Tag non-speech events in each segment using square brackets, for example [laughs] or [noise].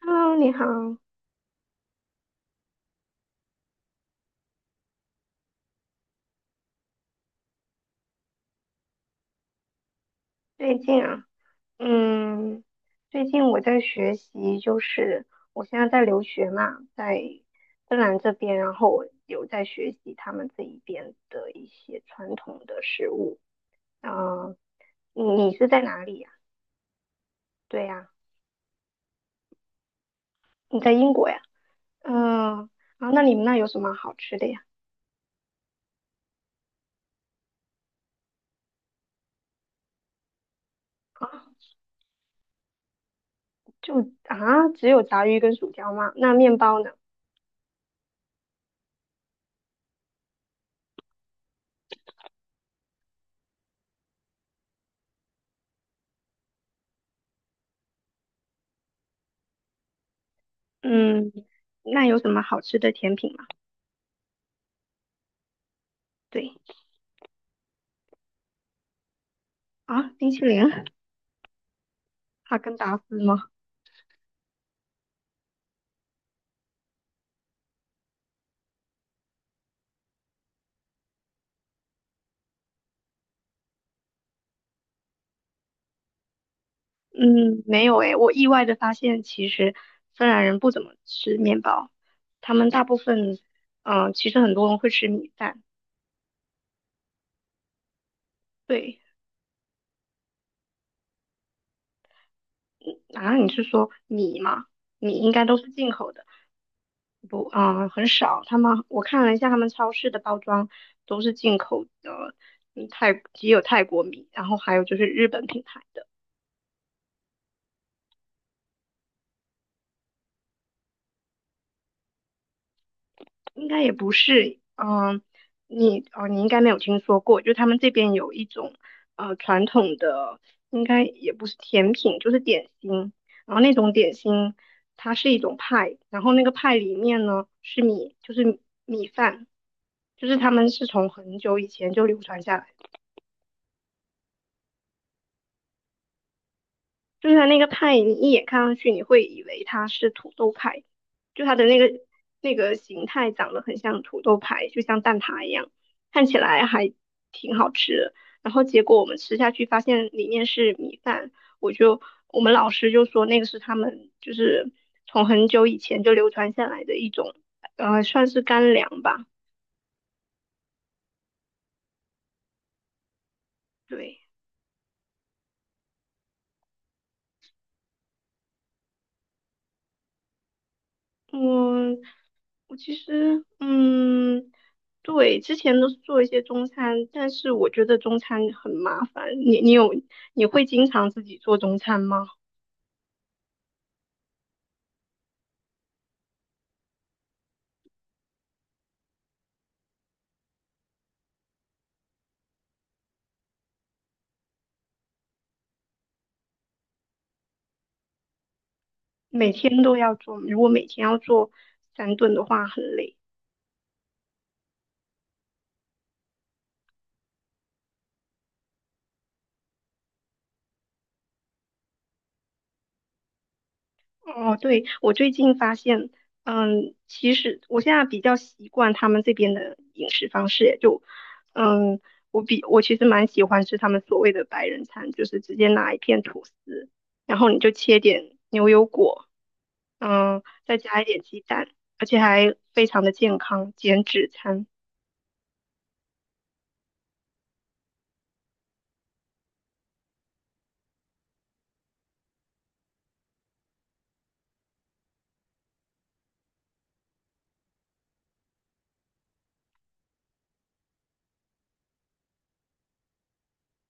Hello，你好，最近啊，嗯，最近我在学习，就是我现在在留学嘛，在芬兰这边，然后我有在学习他们这一边的一些传统的食物。啊、你是在哪里呀？对呀，你在英国呀？嗯，啊，那你们那有什么好吃的呀？啊，就啊，只有炸鱼跟薯条吗？那面包呢？嗯，那有什么好吃的甜品吗？对啊，冰淇淋。哈根达斯吗？嗯，没有诶，我意外的发现，其实芬兰人不怎么吃面包，他们大部分，其实很多人会吃米饭。对，啊，你是说米吗？米应该都是进口的。不，很少。他们我看了一下，他们超市的包装都是进口的，嗯，泰也有泰国米，然后还有就是日本品牌的。应该也不是，嗯，你应该没有听说过，就他们这边有一种传统的，应该也不是甜品，就是点心，然后那种点心它是一种派，然后那个派里面呢是米，就是米饭，就是他们是从很久以前就流传下来的。就是它那个派，你一眼看上去，你会以为它是土豆派，就它的那个形态长得很像土豆派，就像蛋挞一样，看起来还挺好吃的。然后结果我们吃下去，发现里面是米饭，我就我们老师就说那个是他们就是从很久以前就流传下来的一种，算是干粮吧，对。我我其实嗯，对，之前都是做一些中餐，但是我觉得中餐很麻烦。你会经常自己做中餐吗？每天都要做吗？如果每天要做三顿的话，很累。哦，对，我最近发现，嗯，其实我现在比较习惯他们这边的饮食方式，就，嗯，我其实蛮喜欢吃他们所谓的白人餐，就是直接拿一片吐司，然后你就切点牛油果，嗯，再加一点鸡蛋，而且还非常的健康，减脂餐，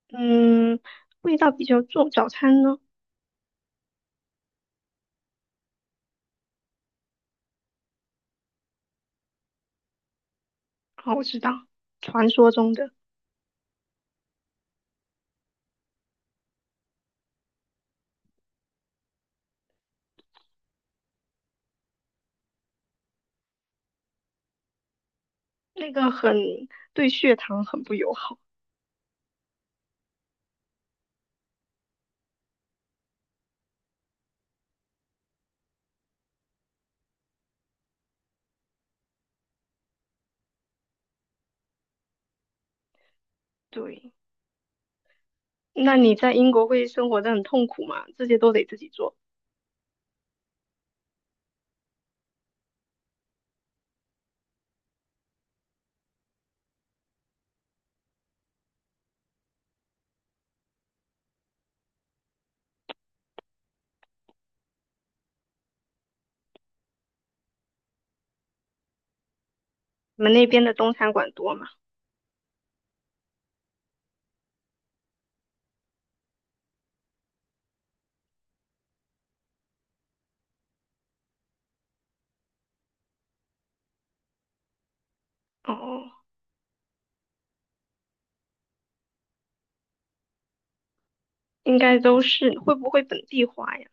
嗯，味道比较重。早餐呢？哦，我知道，传说中的那个。很对血糖很不友好，对。那你在英国会生活得很痛苦吗？这些都得自己做。你们那边的中餐馆多吗？哦，应该都是。会不会本地化呀？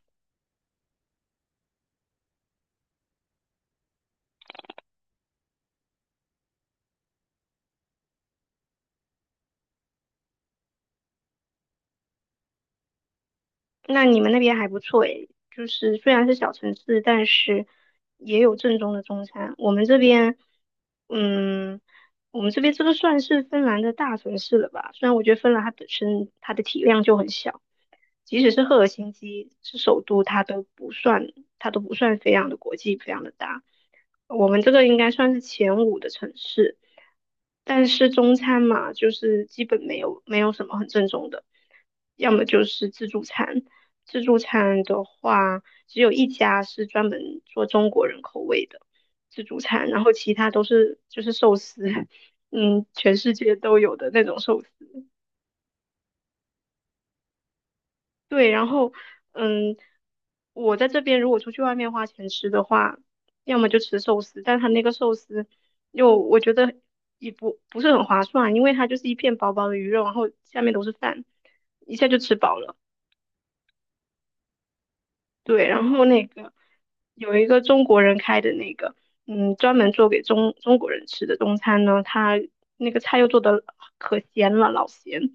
那你们那边还不错诶，就是虽然是小城市，但是也有正宗的中餐。我们这边，嗯，我们这边这个算是芬兰的大城市了吧？虽然我觉得芬兰它本身它的体量就很小，即使是赫尔辛基是首都，它都不算，它都不算非常的国际，非常的大。我们这个应该算是前五的城市，但是中餐嘛，就是基本没有什么很正宗的，要么就是自助餐。自助餐的话，只有一家是专门做中国人口味的自助餐，然后其他都是就是寿司，[laughs] 嗯，全世界都有的那种寿司。对，然后，嗯，我在这边如果出去外面花钱吃的话，要么就吃寿司，但它那个寿司我觉得也不不是很划算，因为它就是一片薄薄的鱼肉，然后下面都是饭，一下就吃饱了。对，然后那个有一个中国人开的那个，嗯，专门做给中国人吃的中餐呢，他那个菜又做的可咸了，老咸，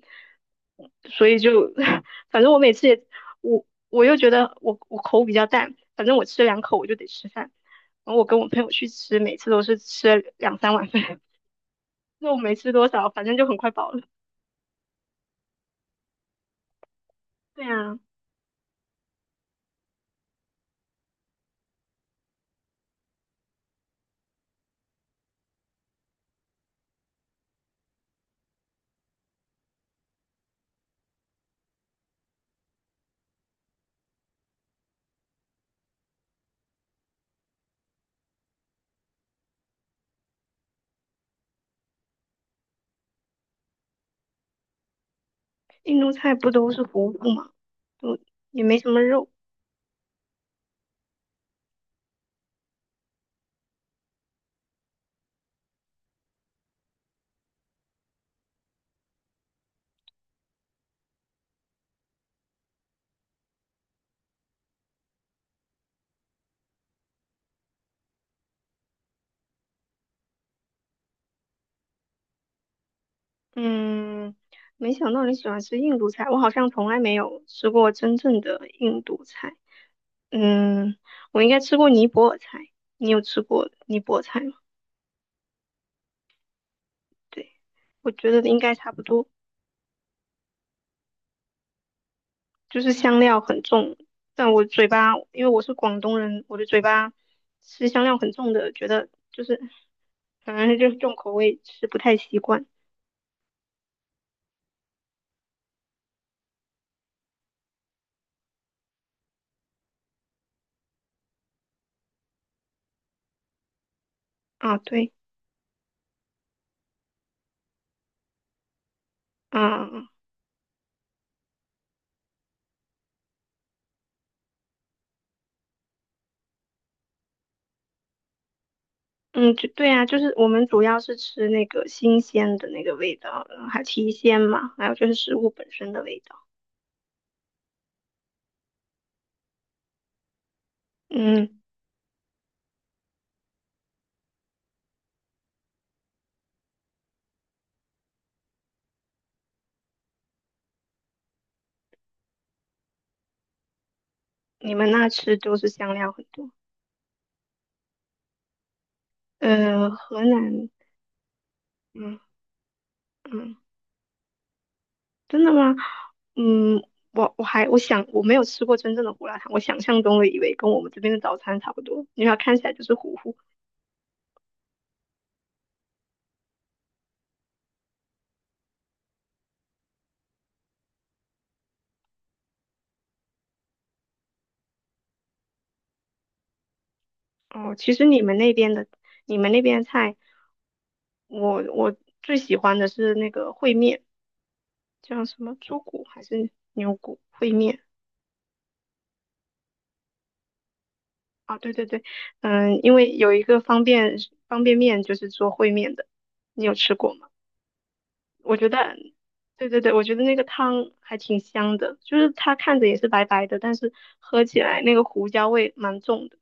所以就 [laughs] 反正我每次也我觉得我口比较淡，反正我吃两口我就得吃饭，然后我跟我朋友去吃，每次都是吃两三碗饭，[laughs] 肉没吃多少，反正就很快饱了。对啊，印度菜不都是糊糊嘛，就也没什么肉。嗯，没想到你喜欢吃印度菜，我好像从来没有吃过真正的印度菜。嗯，我应该吃过尼泊尔菜，你有吃过尼泊尔菜吗？对，我觉得应该差不多，就是香料很重，但我嘴巴，因为我是广东人，我的嘴巴吃香料很重的，觉得就是反正就是重口味吃不太习惯。啊，对，啊。嗯，就对啊，就是我们主要是吃那个新鲜的那个味道，嗯还提鲜嘛，还有就是食物本身的味道。嗯，你们那吃都是香料很多。呃，河南，嗯。嗯，真的吗？嗯，我想我没有吃过真正的胡辣汤，我想象中的以为跟我们这边的早餐差不多，因为它看起来就是糊糊。哦，其实你们那边的你们那边的菜，我最喜欢的是那个烩面，叫什么猪骨还是牛骨烩面？啊，对对对，嗯，因为有一个方便面就是做烩面的，你有吃过吗？我觉得，对对对，我觉得那个汤还挺香的，就是它看着也是白白的，但是喝起来那个胡椒味蛮重的。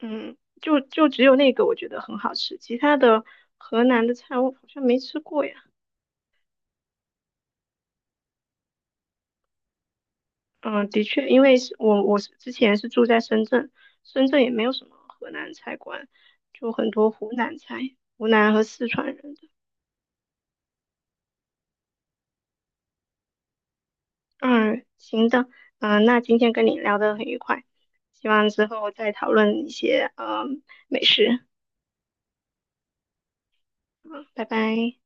嗯，就就只有那个我觉得很好吃，其他的河南的菜我好像没吃过呀。嗯，的确，因为是我是之前是住在深圳，深圳也没有什么河南菜馆，就很多湖南菜，湖南和四川人。嗯，行的，那今天跟你聊得很愉快，希望之后再讨论一些美食，嗯，拜拜。